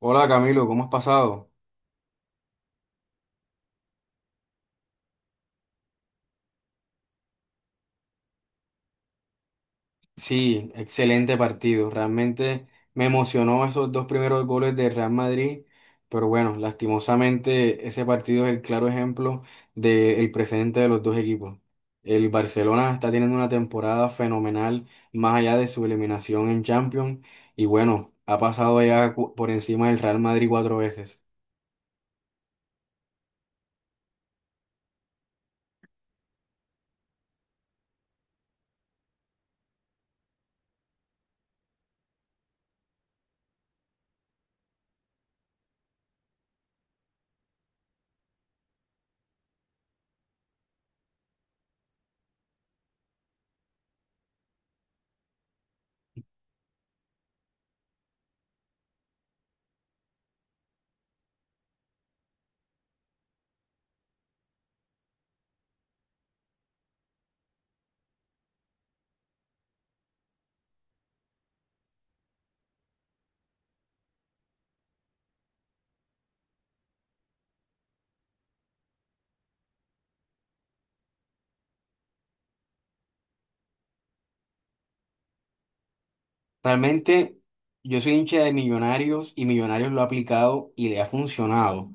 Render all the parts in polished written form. Hola Camilo, ¿cómo has pasado? Sí, excelente partido. Realmente me emocionó esos dos primeros goles de Real Madrid, pero bueno, lastimosamente ese partido es el claro ejemplo del presente de los dos equipos. El Barcelona está teniendo una temporada fenomenal más allá de su eliminación en Champions y bueno, ha pasado ya por encima del Real Madrid cuatro veces. Realmente yo soy hincha de Millonarios y Millonarios lo ha aplicado y le ha funcionado.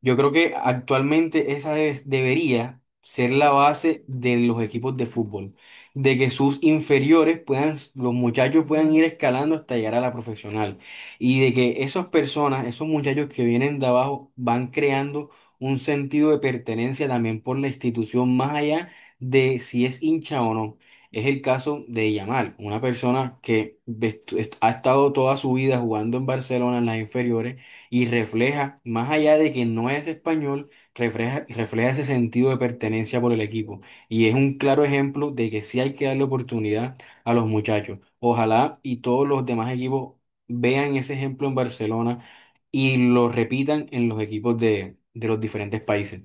Yo creo que actualmente debería ser la base de los equipos de fútbol, de que sus inferiores puedan, los muchachos puedan ir escalando hasta llegar a la profesional y de que esas personas, esos muchachos que vienen de abajo van creando un sentido de pertenencia también por la institución más allá de si es hincha o no. Es el caso de Yamal, una persona que ha estado toda su vida jugando en Barcelona en las inferiores y refleja, más allá de que no es español, refleja, refleja ese sentido de pertenencia por el equipo. Y es un claro ejemplo de que sí hay que darle oportunidad a los muchachos. Ojalá y todos los demás equipos vean ese ejemplo en Barcelona y lo repitan en los equipos de los diferentes países.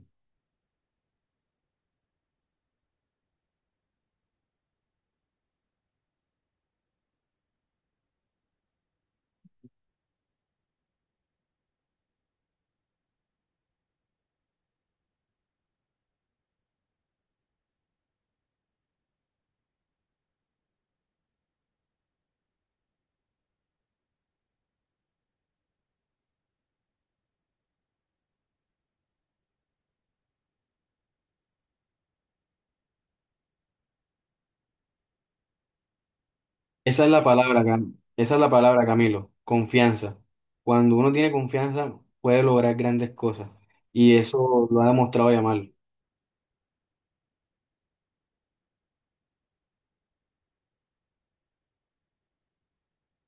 Esa es la palabra, esa es la palabra, Camilo, confianza. Cuando uno tiene confianza, puede lograr grandes cosas. Y eso lo ha demostrado Yamal.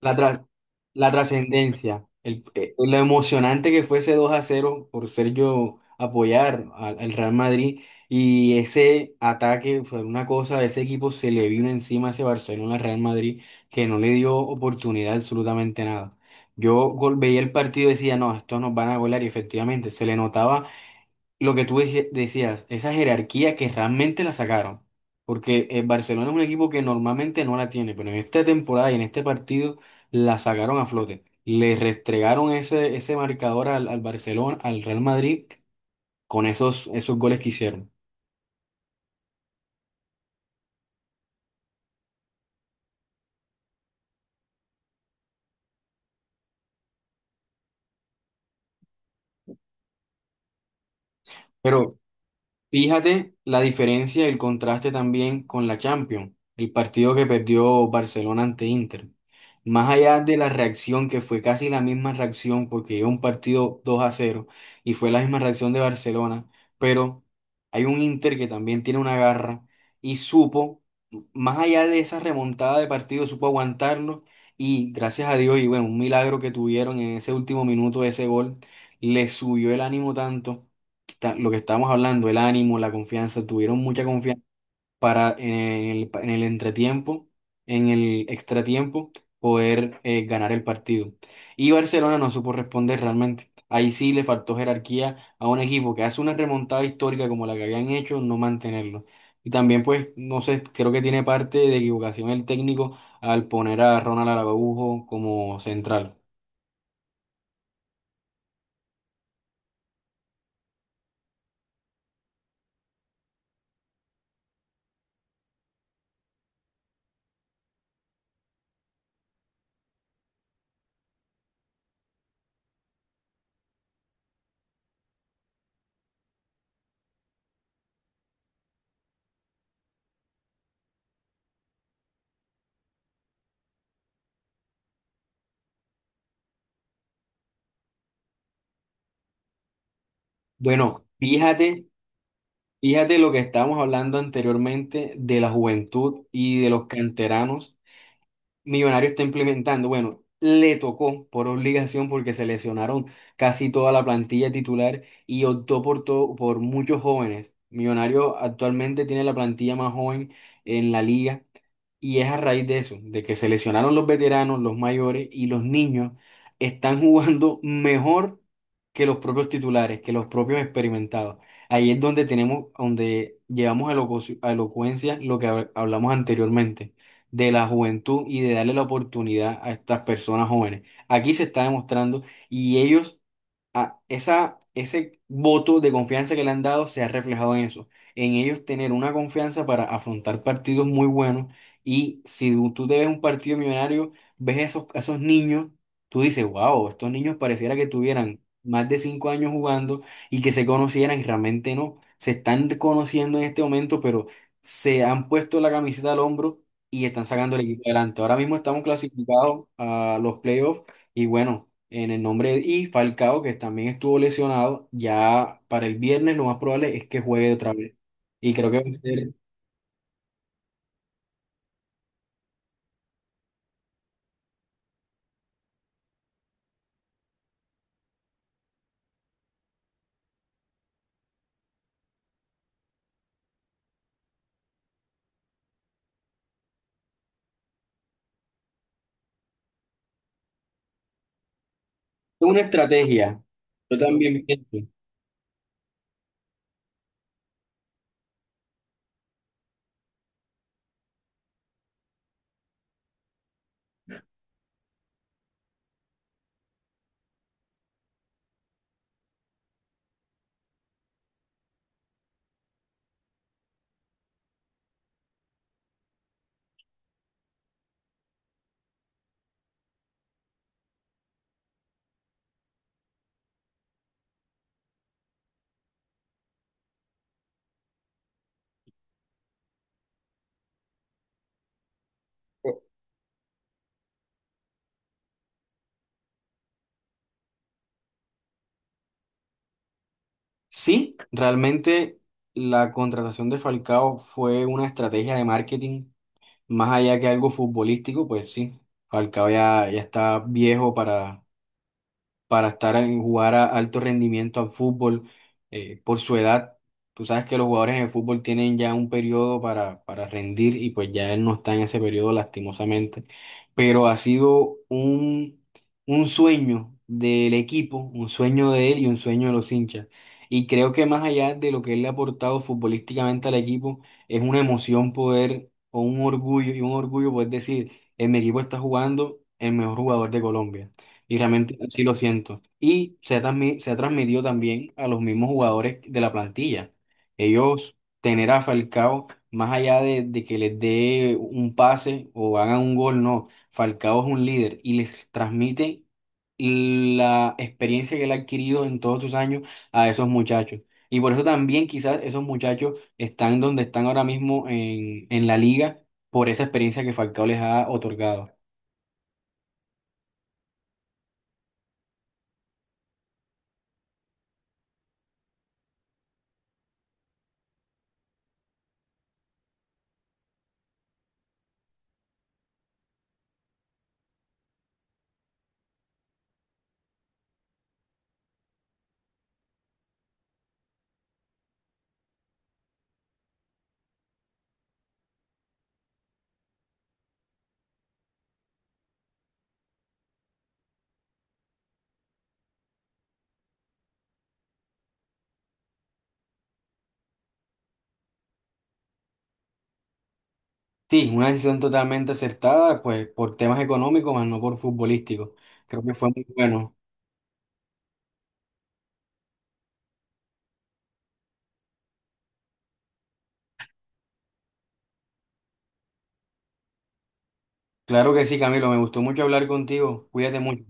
La, tra- la trascendencia, lo emocionante que fue ese 2 a cero por ser yo apoyar al Real Madrid y ese ataque fue una cosa, ese equipo se le vino encima a ese Barcelona-Real Madrid que no le dio oportunidad absolutamente nada. Veía el partido y decía, no, estos nos van a golear y efectivamente se le notaba lo que decías, esa jerarquía que realmente la sacaron. Porque el Barcelona es un equipo que normalmente no la tiene, pero en esta temporada y en este partido la sacaron a flote. Le restregaron ese marcador al Barcelona, al Real Madrid, con esos goles que hicieron. Pero Fíjate la diferencia y el contraste también con la Champions, el partido que perdió Barcelona ante Inter. Más allá de la reacción, que fue casi la misma reacción, porque llegó un partido 2-0 y fue la misma reacción de Barcelona, pero hay un Inter que también tiene una garra y supo, más allá de esa remontada de partido, supo aguantarlo y gracias a Dios, y bueno, un milagro que tuvieron en ese último minuto de ese gol, le subió el ánimo tanto lo que estábamos hablando, el ánimo, la confianza, tuvieron mucha confianza para en en el entretiempo, en el extratiempo, poder ganar el partido. Y Barcelona no supo responder realmente. Ahí sí le faltó jerarquía a un equipo que hace una remontada histórica como la que habían hecho, no mantenerlo. Y también, pues, no sé, creo que tiene parte de equivocación el técnico al poner a Ronald Araujo como central. Bueno, fíjate Fíjate lo que estábamos hablando anteriormente de la juventud y de los canteranos. Millonario está implementando, bueno, le tocó por obligación porque se lesionaron casi toda la plantilla titular y optó por muchos jóvenes. Millonario actualmente tiene la plantilla más joven en la liga y es a raíz de eso, de que se lesionaron los veteranos, los mayores y los niños están jugando mejor que los propios titulares, que los propios experimentados. Ahí es donde tenemos, donde llevamos a a elocuencia lo que hablamos anteriormente de la juventud y de darle la oportunidad a estas personas jóvenes. Aquí se está demostrando y ellos a ese voto de confianza que le han dado se ha reflejado en eso, en ellos tener una confianza para afrontar partidos muy buenos. Y si tú te ves un partido millonario, ves esos, a esos niños, tú dices, wow, estos niños pareciera que tuvieran más de cinco años jugando y que se conocieran y realmente no. Se están conociendo en este momento, pero se han puesto la camiseta al hombro y están sacando el equipo adelante. Ahora mismo estamos clasificados a los playoffs y bueno en el nombre de, y Falcao, que también estuvo lesionado, ya para el viernes lo más probable es que juegue otra vez. Y creo que va a ser una estrategia. Yo también pienso. Sí, realmente la contratación de Falcao fue una estrategia de marketing, más allá que algo futbolístico, pues sí, Falcao ya, ya está viejo para estar en jugar a alto rendimiento al fútbol por su edad. Tú sabes que los jugadores en el fútbol tienen ya un periodo para rendir y pues ya él no está en ese periodo lastimosamente, pero ha sido un sueño del equipo, un sueño de él y un sueño de los hinchas. Y creo que más allá de lo que él le ha aportado futbolísticamente al equipo, es una emoción poder, o un orgullo, y un orgullo poder decir, en mi equipo está jugando el mejor jugador de Colombia. Y realmente sí lo siento. Y se ha transmitido también a los mismos jugadores de la plantilla. Ellos, tener a Falcao, más allá de que les dé un pase o hagan un gol, no. Falcao es un líder y les transmite la experiencia que él ha adquirido en todos sus años a esos muchachos. Y por eso también quizás esos muchachos están donde están ahora mismo en la liga por esa experiencia que Falcao les ha otorgado. Sí, una decisión totalmente acertada, pues por temas económicos, más no por futbolísticos. Creo que fue muy bueno. Claro que sí, Camilo, me gustó mucho hablar contigo. Cuídate mucho.